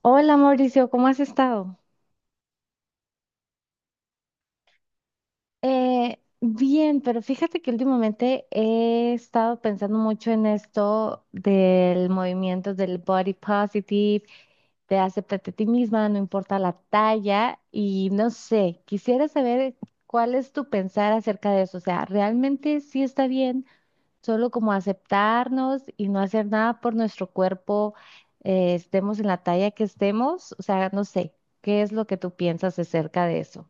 Hola Mauricio, ¿cómo has estado? Bien, pero fíjate que últimamente he estado pensando mucho en esto del movimiento del body positive, de acéptate a ti misma, no importa la talla, y no sé, quisiera saber cuál es tu pensar acerca de eso. O sea, ¿realmente sí está bien solo como aceptarnos y no hacer nada por nuestro cuerpo, estemos en la talla que estemos? O sea, no sé, ¿qué es lo que tú piensas acerca de eso?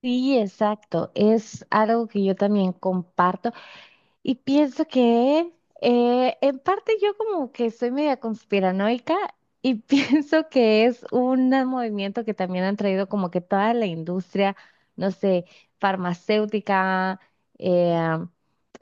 Sí, exacto. Es algo que yo también comparto. Y pienso que en parte yo como que soy media conspiranoica y pienso que es un movimiento que también han traído como que toda la industria, no sé, farmacéutica, eh,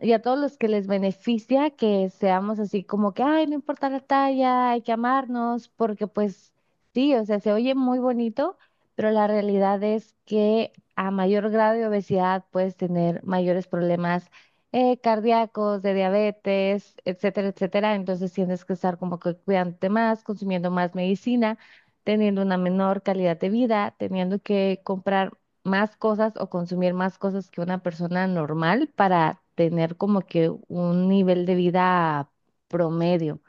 y a todos los que les beneficia que seamos así como que, ay, no importa la talla, hay que amarnos, porque pues sí, o sea, se oye muy bonito, pero la realidad es que a mayor grado de obesidad puedes tener mayores problemas cardíacos, de diabetes, etcétera, etcétera. Entonces tienes que estar como que cuidándote más, consumiendo más medicina, teniendo una menor calidad de vida, teniendo que comprar más cosas o consumir más cosas que una persona normal para tener como que un nivel de vida promedio.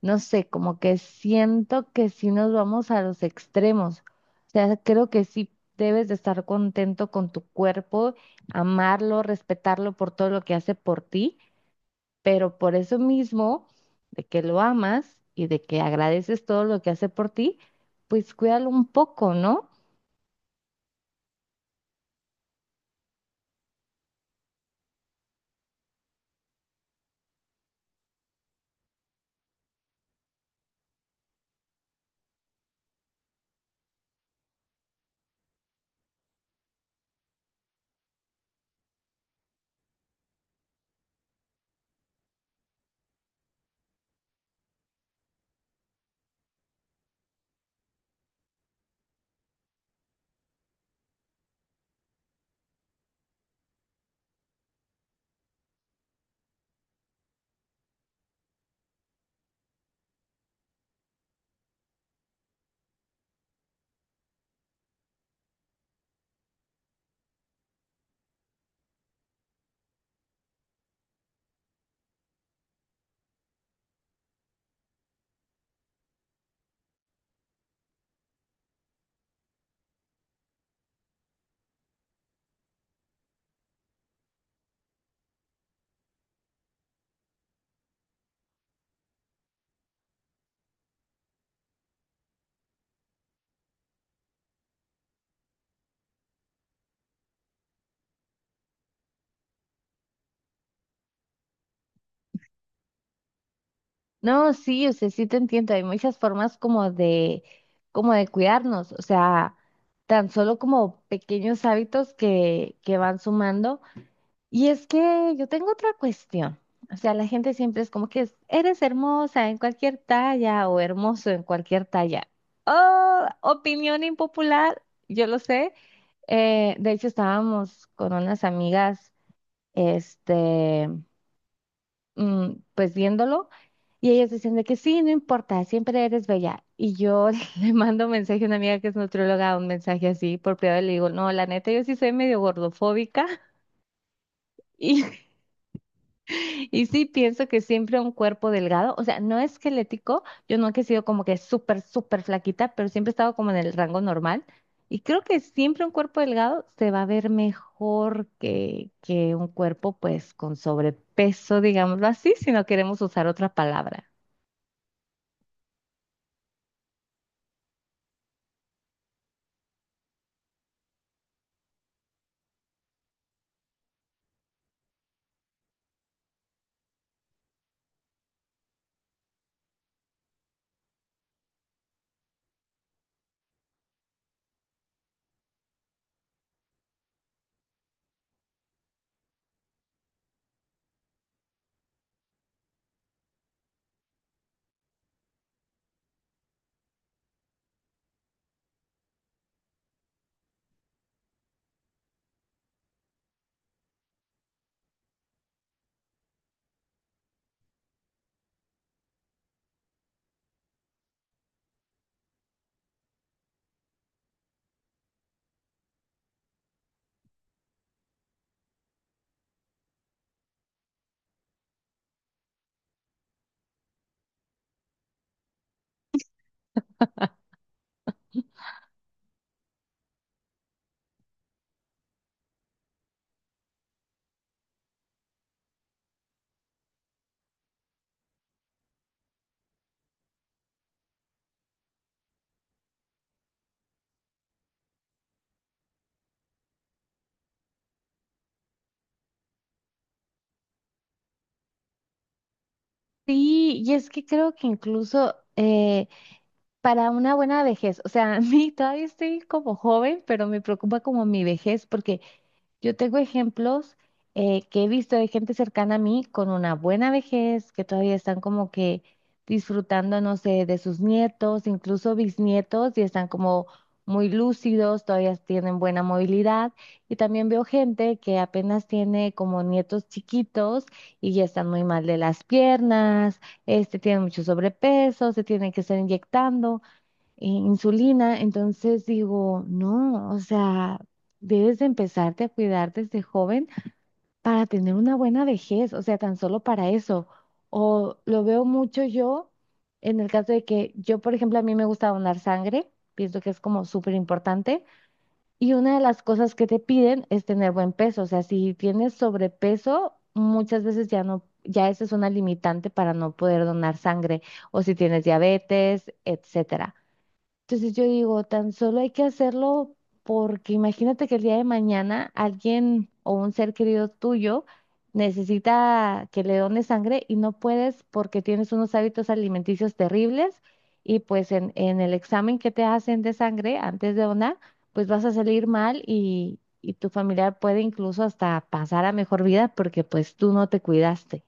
No sé, como que siento que sí nos vamos a los extremos. O sea, creo que sí debes de estar contento con tu cuerpo, amarlo, respetarlo por todo lo que hace por ti, pero por eso mismo, de que lo amas y de que agradeces todo lo que hace por ti, pues cuídalo un poco, ¿no? No, sí, o sea, sí te entiendo, hay muchas formas como de cuidarnos, o sea, tan solo como pequeños hábitos que van sumando. Y es que yo tengo otra cuestión. O sea, la gente siempre es como que es, eres hermosa en cualquier talla o hermoso en cualquier talla. Oh, opinión impopular, yo lo sé. De hecho, estábamos con unas amigas, este, pues viéndolo, y ellas decían de que sí, no importa, siempre eres bella. Y yo le mando un mensaje a una amiga que es nutrióloga, un mensaje así por privado, y le digo, no, la neta, yo sí soy medio gordofóbica. y. Y sí, pienso que siempre un cuerpo delgado, o sea, no esquelético, yo nunca he sido como que súper, súper flaquita, pero siempre he estado como en el rango normal. Y creo que siempre un cuerpo delgado se va a ver mejor que un cuerpo pues con sobrepeso, digámoslo así, si no queremos usar otra palabra. Sí, y es que creo que incluso para una buena vejez, o sea, a mí todavía estoy como joven, pero me preocupa como mi vejez, porque yo tengo ejemplos que he visto de gente cercana a mí con una buena vejez, que todavía están como que disfrutando, no sé, de sus nietos, incluso bisnietos, y están como muy lúcidos, todavía tienen buena movilidad. Y también veo gente que apenas tiene como nietos chiquitos y ya están muy mal de las piernas, este, tienen mucho sobrepeso, se tienen que estar inyectando insulina. Entonces digo, no, o sea, debes de empezarte a cuidar desde joven para tener una buena vejez, o sea, tan solo para eso. O lo veo mucho yo en el caso de que yo, por ejemplo, a mí me gusta donar sangre, pienso que es como súper importante. Y una de las cosas que te piden es tener buen peso, o sea, si tienes sobrepeso, muchas veces ya no. Ya esa es una limitante para no poder donar sangre, o si tienes diabetes, etcétera. Entonces yo digo, tan solo hay que hacerlo porque imagínate que el día de mañana alguien o un ser querido tuyo necesita que le dones sangre y no puedes porque tienes unos hábitos alimenticios terribles y pues en el examen que te hacen de sangre antes de donar, pues vas a salir mal y tu familiar puede incluso hasta pasar a mejor vida porque pues tú no te cuidaste.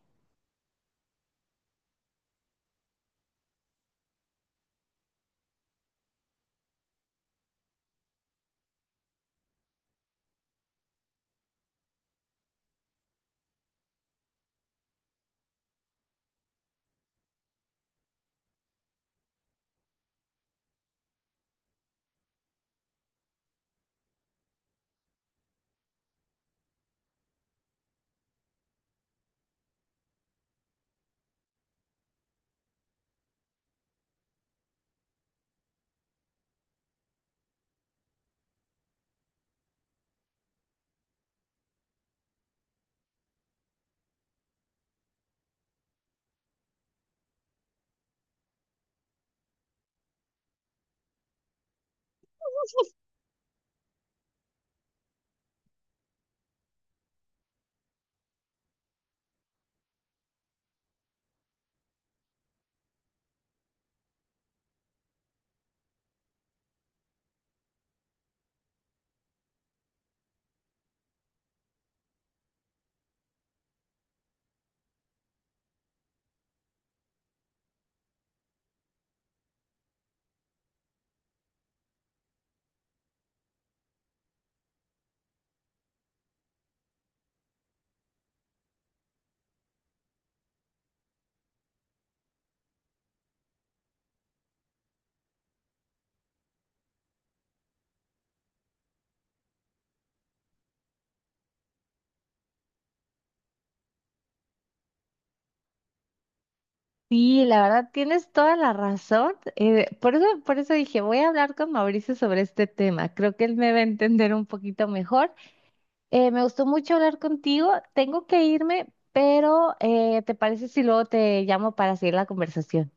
Sí, la verdad, tienes toda la razón. Por eso, por eso dije, voy a hablar con Mauricio sobre este tema. Creo que él me va a entender un poquito mejor. Me gustó mucho hablar contigo. Tengo que irme, pero ¿te parece si luego te llamo para seguir la conversación?